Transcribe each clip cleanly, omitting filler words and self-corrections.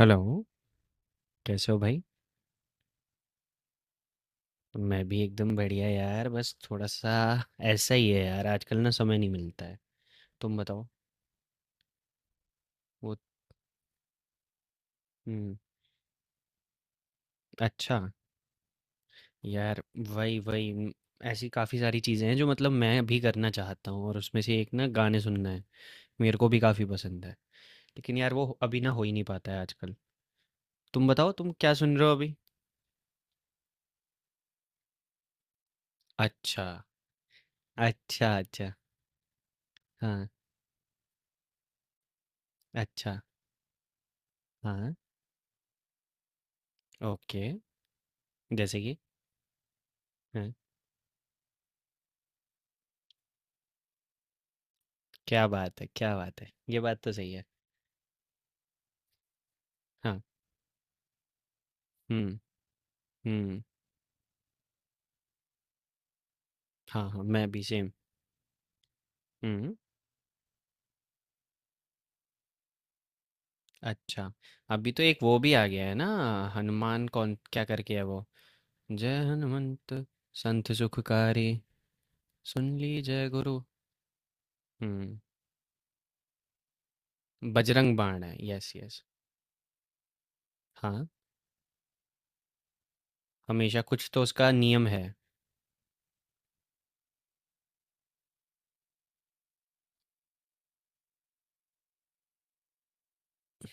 Hello, कैसे हो भाई? मैं भी एकदम बढ़िया यार, बस थोड़ा-सा ऐसा ही है यार, आजकल ना समय नहीं मिलता है। तुम बताओ? वो हुँ, अच्छा, यार वही वही उम, ऐसी काफ़ी सारी चीज़ें हैं जो मतलब मैं भी करना चाहता हूँ और उसमें से एक ना गाने सुनना है, मेरे को भी काफ़ी पसंद है। लेकिन यार वो अभी ना हो ही नहीं पाता है आजकल। तुम बताओ तुम क्या सुन रहे हो अभी? अच्छा, अच्छा, अच्छा। हाँ, अच्छा, हाँ, ओके। जैसे कि? हाँ, क्या बात है, क्या बात है! ये बात तो सही है। हाँ। हुँ, हुँ। हाँ, हाँ, मैं भी सेम। हुँ, अच्छा। अभी तो एक वो भी आ गया है ना हनुमान कौन क्या करके है वो? जय हनुमंत संत सुखकारी सुन ली जय गुरु। हुँ, बजरंग बाण है। Yes, yes. हाँ, हमेशा कुछ तो उसका नियम है।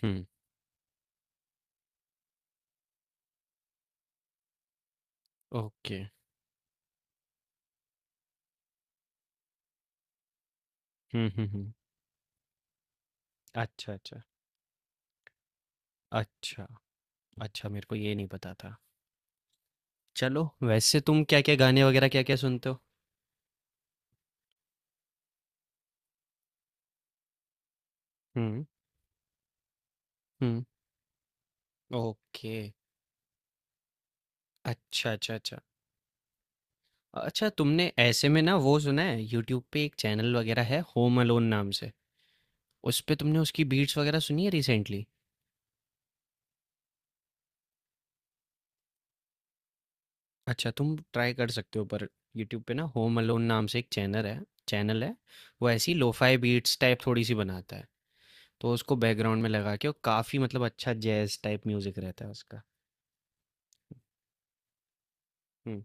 हुँ, ओके। हुँ, हुँ, हुँ। अच्छा, अच्छा। अच्छा, अच्छा मेरे को ये नहीं पता था। चलो, वैसे तुम क्या-क्या गाने वगैरह क्या-क्या सुनते हो? हुँ, हुँ। ओके। अच्छा, अच्छा, अच्छा। अच्छा तुमने ऐसे में ना वो सुना है यूट्यूब पे एक चैनल वगैरह है होम अलोन नाम से, उस पे तुमने उसकी बीट्स वगैरह सुनी है रिसेंटली? अच्छा तुम ट्राई कर सकते हो पर, यूट्यूब पे ना होम अलोन नाम से एक चैनल है, चैनल है। वो ऐसी लोफाई बीट्स टाइप थोड़ी सी बनाता है, तो उसको बैकग्राउंड में लगा के, और काफ़ी मतलब अच्छा जैज टाइप म्यूजिक रहता है उसका। हम्म,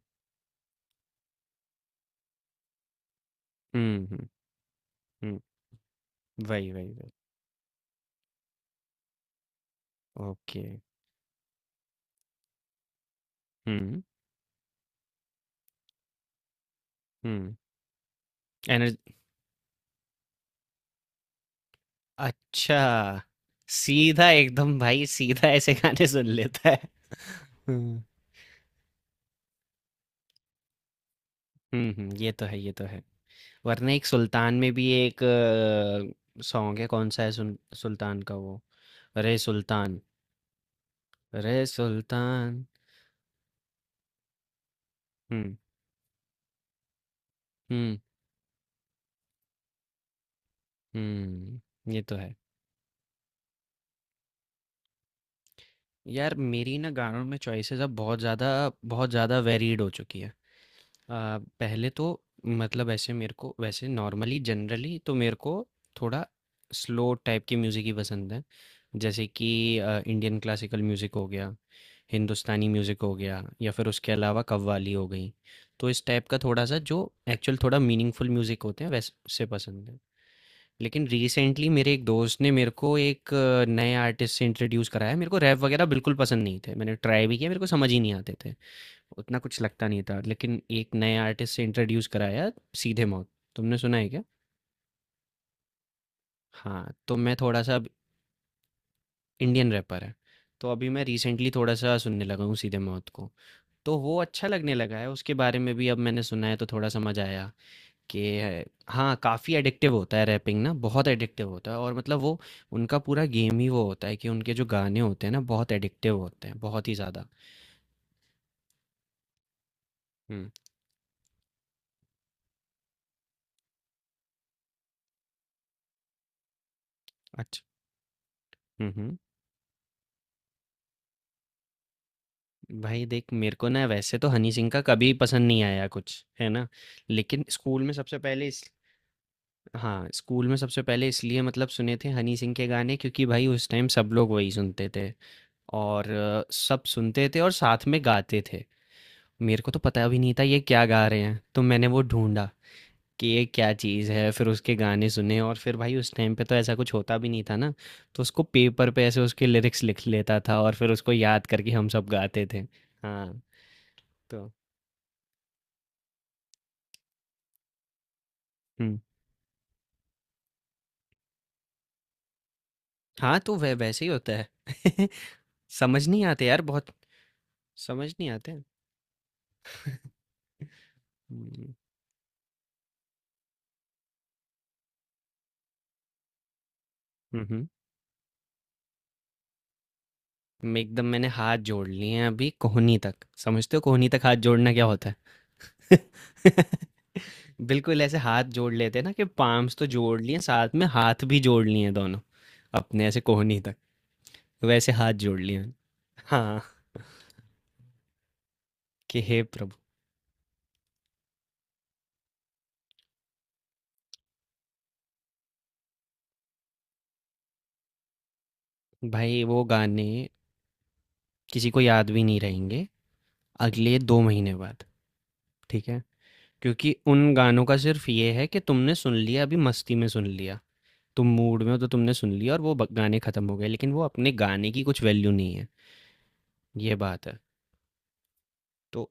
हम्म, हम्म, हम्म, वही वही वही। ओके। हम्म, हम्म। अच्छा, सीधा एकदम भाई सीधा ऐसे गाने सुन लेता है। हुँ, हुँ, हुँ, ये तो है, ये तो है। वरना एक सुल्तान में भी एक सॉन्ग है, कौन सा है सुन सुल्तान का वो? रे सुल्तान, रे सुल्तान। हुँ, हुँ, हुँ, ये तो है। यार मेरी ना गानों में चॉइसेस अब बहुत ज़्यादा, बहुत ज़्यादा वेरीड हो चुकी है। पहले तो मतलब ऐसे मेरे को वैसे नॉर्मली जनरली तो मेरे को थोड़ा स्लो टाइप की म्यूज़िक ही पसंद है। जैसे कि इंडियन क्लासिकल म्यूज़िक हो गया, हिंदुस्तानी म्यूज़िक हो गया, या फिर उसके अलावा कव्वाली हो गई, तो इस टाइप का थोड़ा सा जो एक्चुअल थोड़ा मीनिंगफुल म्यूज़िक होते हैं वैसे पसंद है। लेकिन रिसेंटली मेरे एक दोस्त ने मेरे को एक नए आर्टिस्ट से इंट्रोड्यूस कराया। मेरे को रैप वगैरह बिल्कुल पसंद नहीं थे, मैंने ट्राई भी किया, मेरे को समझ ही नहीं आते थे, उतना कुछ लगता नहीं था। लेकिन एक नए आर्टिस्ट से इंट्रोड्यूस कराया, सीधे मौत। तुमने सुना है क्या? हाँ तो मैं थोड़ा सा अब, इंडियन रैपर है, तो अभी मैं रिसेंटली थोड़ा सा सुनने लगा हूँ सीधे मौत को। तो वो अच्छा लगने लगा है, उसके बारे में भी अब मैंने सुना है तो थोड़ा समझ आया कि है- हाँ काफ़ी एडिक्टिव होता है रैपिंग ना, बहुत एडिक्टिव होता है, और मतलब वो, उनका पूरा गेम ही वो होता है कि उनके जो गाने होते हैं ना बहुत एडिक्टिव होते हैं बहुत ही ज़्यादा। हम्म। अच्छा। हम्म, हम्म। भाई देख मेरे को ना वैसे तो हनी सिंह का कभी पसंद नहीं आया कुछ है ना। लेकिन स्कूल में सबसे पहले इस, हाँ स्कूल में सबसे पहले इसलिए मतलब सुने थे हनी सिंह के गाने क्योंकि भाई उस टाइम सब लोग वही सुनते थे। और सब सुनते थे और साथ में गाते थे। मेरे को तो पता भी नहीं था ये क्या गा रहे हैं तो मैंने वो ढूंढा कि ये क्या चीज़ है। फिर उसके गाने सुने और फिर भाई उस टाइम पे तो ऐसा कुछ होता भी नहीं था ना, तो उसको पेपर पे ऐसे उसके लिरिक्स लिख लेता था और फिर उसको याद करके हम सब गाते थे। हाँ तो, हम्म। हाँ, तो वै वैसे ही होता है। समझ नहीं आते यार बहुत, समझ नहीं आते। हुँ, हुँ, हुँ। मैं एकदम, मैंने हाथ जोड़ लिए हैं अभी कोहनी तक। समझते हो कोहनी तक हाथ जोड़ना क्या होता है? बिल्कुल ऐसे हाथ जोड़ लेते हैं ना कि पाम्स तो जोड़ लिए, साथ में हाथ भी जोड़ लिए हैं दोनों, अपने ऐसे कोहनी तक, वैसे हाथ जोड़ लिए हैं। हाँ, कि हे प्रभु! भाई वो गाने किसी को याद भी नहीं रहेंगे अगले 2 महीने बाद, ठीक है? क्योंकि उन गानों का सिर्फ ये है कि तुमने सुन लिया अभी मस्ती में सुन लिया। तुम मूड में हो तो तुमने सुन लिया और वो गाने खत्म हो गए, लेकिन वो अपने गाने की कुछ वैल्यू नहीं है। ये बात है। तो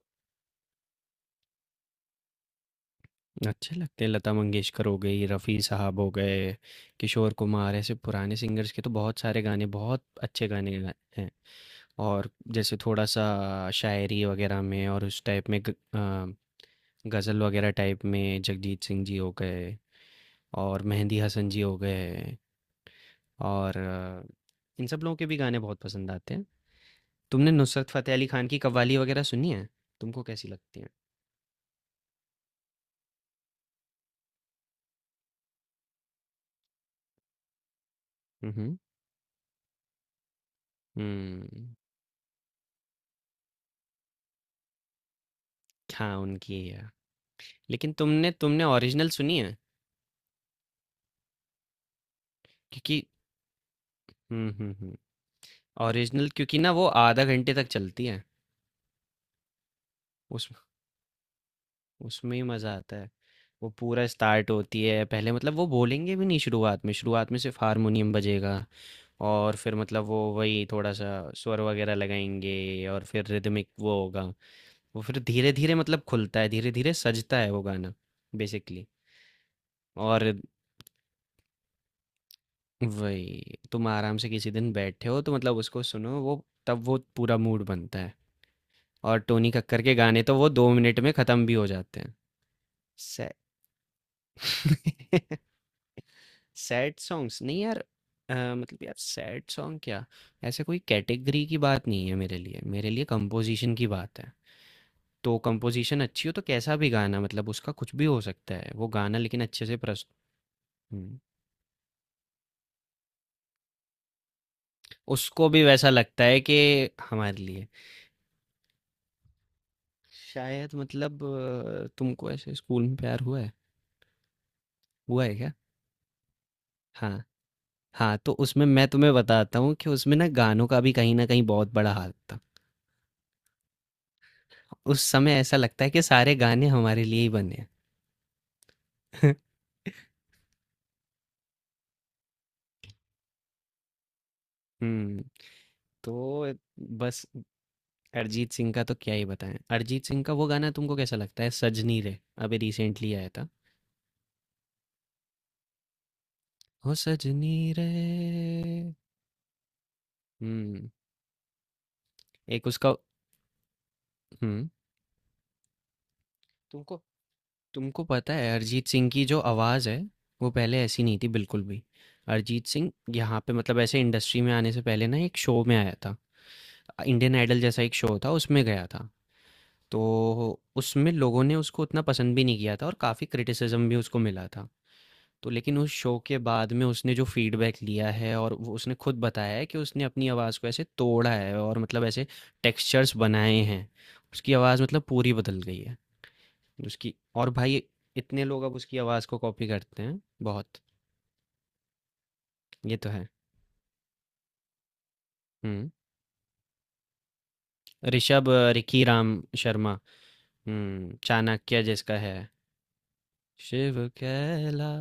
अच्छे लगते हैं, लता मंगेशकर हो गई, रफ़ी साहब हो गए, किशोर कुमार, ऐसे पुराने सिंगर्स के तो बहुत सारे गाने, बहुत अच्छे गाने हैं। और जैसे थोड़ा सा शायरी वगैरह में और उस टाइप में गज़ल वगैरह टाइप में जगजीत सिंह जी हो गए, और मेहंदी हसन जी हो गए, और इन सब लोगों के भी गाने बहुत पसंद आते हैं। तुमने नुसरत फतेह अली खान की कव्वाली वगैरह सुनी है? तुमको कैसी लगती है? हम्म, हम्म, हाँ उनकी ही है। लेकिन तुमने तुमने ओरिजिनल सुनी है? क्योंकि, हम्म, हम्म, हम्म, ओरिजिनल क्योंकि ना वो आधा घंटे तक चलती है। उस, उसमें ही मज़ा आता है। वो पूरा स्टार्ट होती है पहले, मतलब वो बोलेंगे भी नहीं शुरुआत में, शुरुआत में सिर्फ हारमोनियम बजेगा। और फिर मतलब वो वही थोड़ा सा स्वर वगैरह लगाएंगे और फिर रिदमिक वो होगा। वो फिर धीरे धीरे मतलब खुलता है, धीरे धीरे सजता है वो गाना, बेसिकली। और वही, तुम आराम से किसी दिन बैठे हो तो मतलब उसको सुनो, वो तब वो पूरा मूड बनता है। और टोनी कक्कर के गाने तो वो दो मिनट में ख़त्म भी हो जाते हैं। सै सैड सॉन्ग्स नहीं यार। मतलब यार सैड सॉन्ग क्या, ऐसे कोई कैटेगरी की बात नहीं है। मेरे लिए, मेरे लिए कंपोजिशन की बात है। तो कंपोजिशन अच्छी हो तो कैसा भी गाना, मतलब उसका कुछ भी हो सकता है वो गाना, लेकिन अच्छे से प्रस्तुत। हम्म, उसको भी वैसा लगता है कि हमारे लिए, शायद मतलब तुमको ऐसे स्कूल में प्यार हुआ है, हुआ है क्या? हाँ, हाँ तो उसमें मैं तुम्हें बताता हूँ कि उसमें ना गानों का भी कहीं ना कहीं बहुत बड़ा हाथ था। उस समय ऐसा लगता है कि सारे गाने हमारे लिए ही बने हैं। हम्म। तो, बस, अरिजीत सिंह का तो क्या ही बताएं। अरिजीत सिंह का वो गाना तुमको कैसा लगता है, सजनी रे? अभी रिसेंटली आया था, हो सजनी रे। हम्म, एक उसका, हम्म, तुमको, तुमको पता है अरिजीत सिंह की जो आवाज़ है, वो पहले ऐसी नहीं थी बिल्कुल भी। अरिजीत सिंह यहाँ पे मतलब ऐसे इंडस्ट्री में आने से पहले ना एक शो में आया था, इंडियन आइडल जैसा एक शो था, उसमें गया था। तो उसमें लोगों ने उसको उतना पसंद भी नहीं किया था और काफ़ी क्रिटिसिज्म भी उसको मिला था। तो लेकिन उस शो के बाद में उसने जो फीडबैक लिया है, और वो उसने खुद बताया है कि उसने अपनी आवाज़ को ऐसे तोड़ा है और मतलब ऐसे टेक्सचर्स बनाए हैं। उसकी आवाज़ मतलब पूरी बदल गई है उसकी। और भाई इतने लोग अब उसकी आवाज़ को कॉपी करते हैं, बहुत। ये तो है। हुँ। ऋषभ, रिकी राम शर्मा, हुँ, चाणक्य जिसका है। शिव कहला,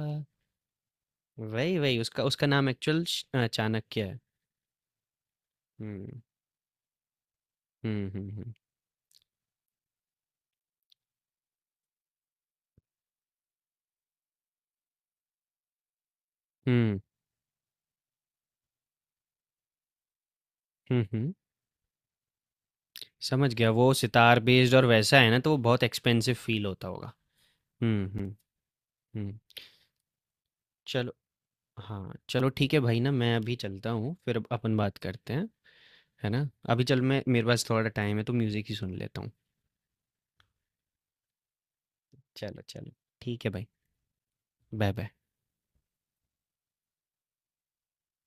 वही उसका, उसका नाम एक्चुअल चाणक्य है। हुँ। हुँ, हुँ, हुँ। हुँ। हुँ, हुँ। समझ गया, वो सितार बेस्ड और वैसा है ना, तो वो बहुत एक्सपेंसिव फ़ील होता होगा। हुँ, हुँ, हुँ। चलो, हाँ, चलो ठीक है भाई ना, मैं अभी चलता हूँ, फिर अब अपन बात करते हैं, है ना? अभी चल, मैं, मेरे पास थोड़ा टाइम है तो म्यूज़िक ही सुन लेता हूँ। चलो, चलो, ठीक है भाई, बाय-बाय।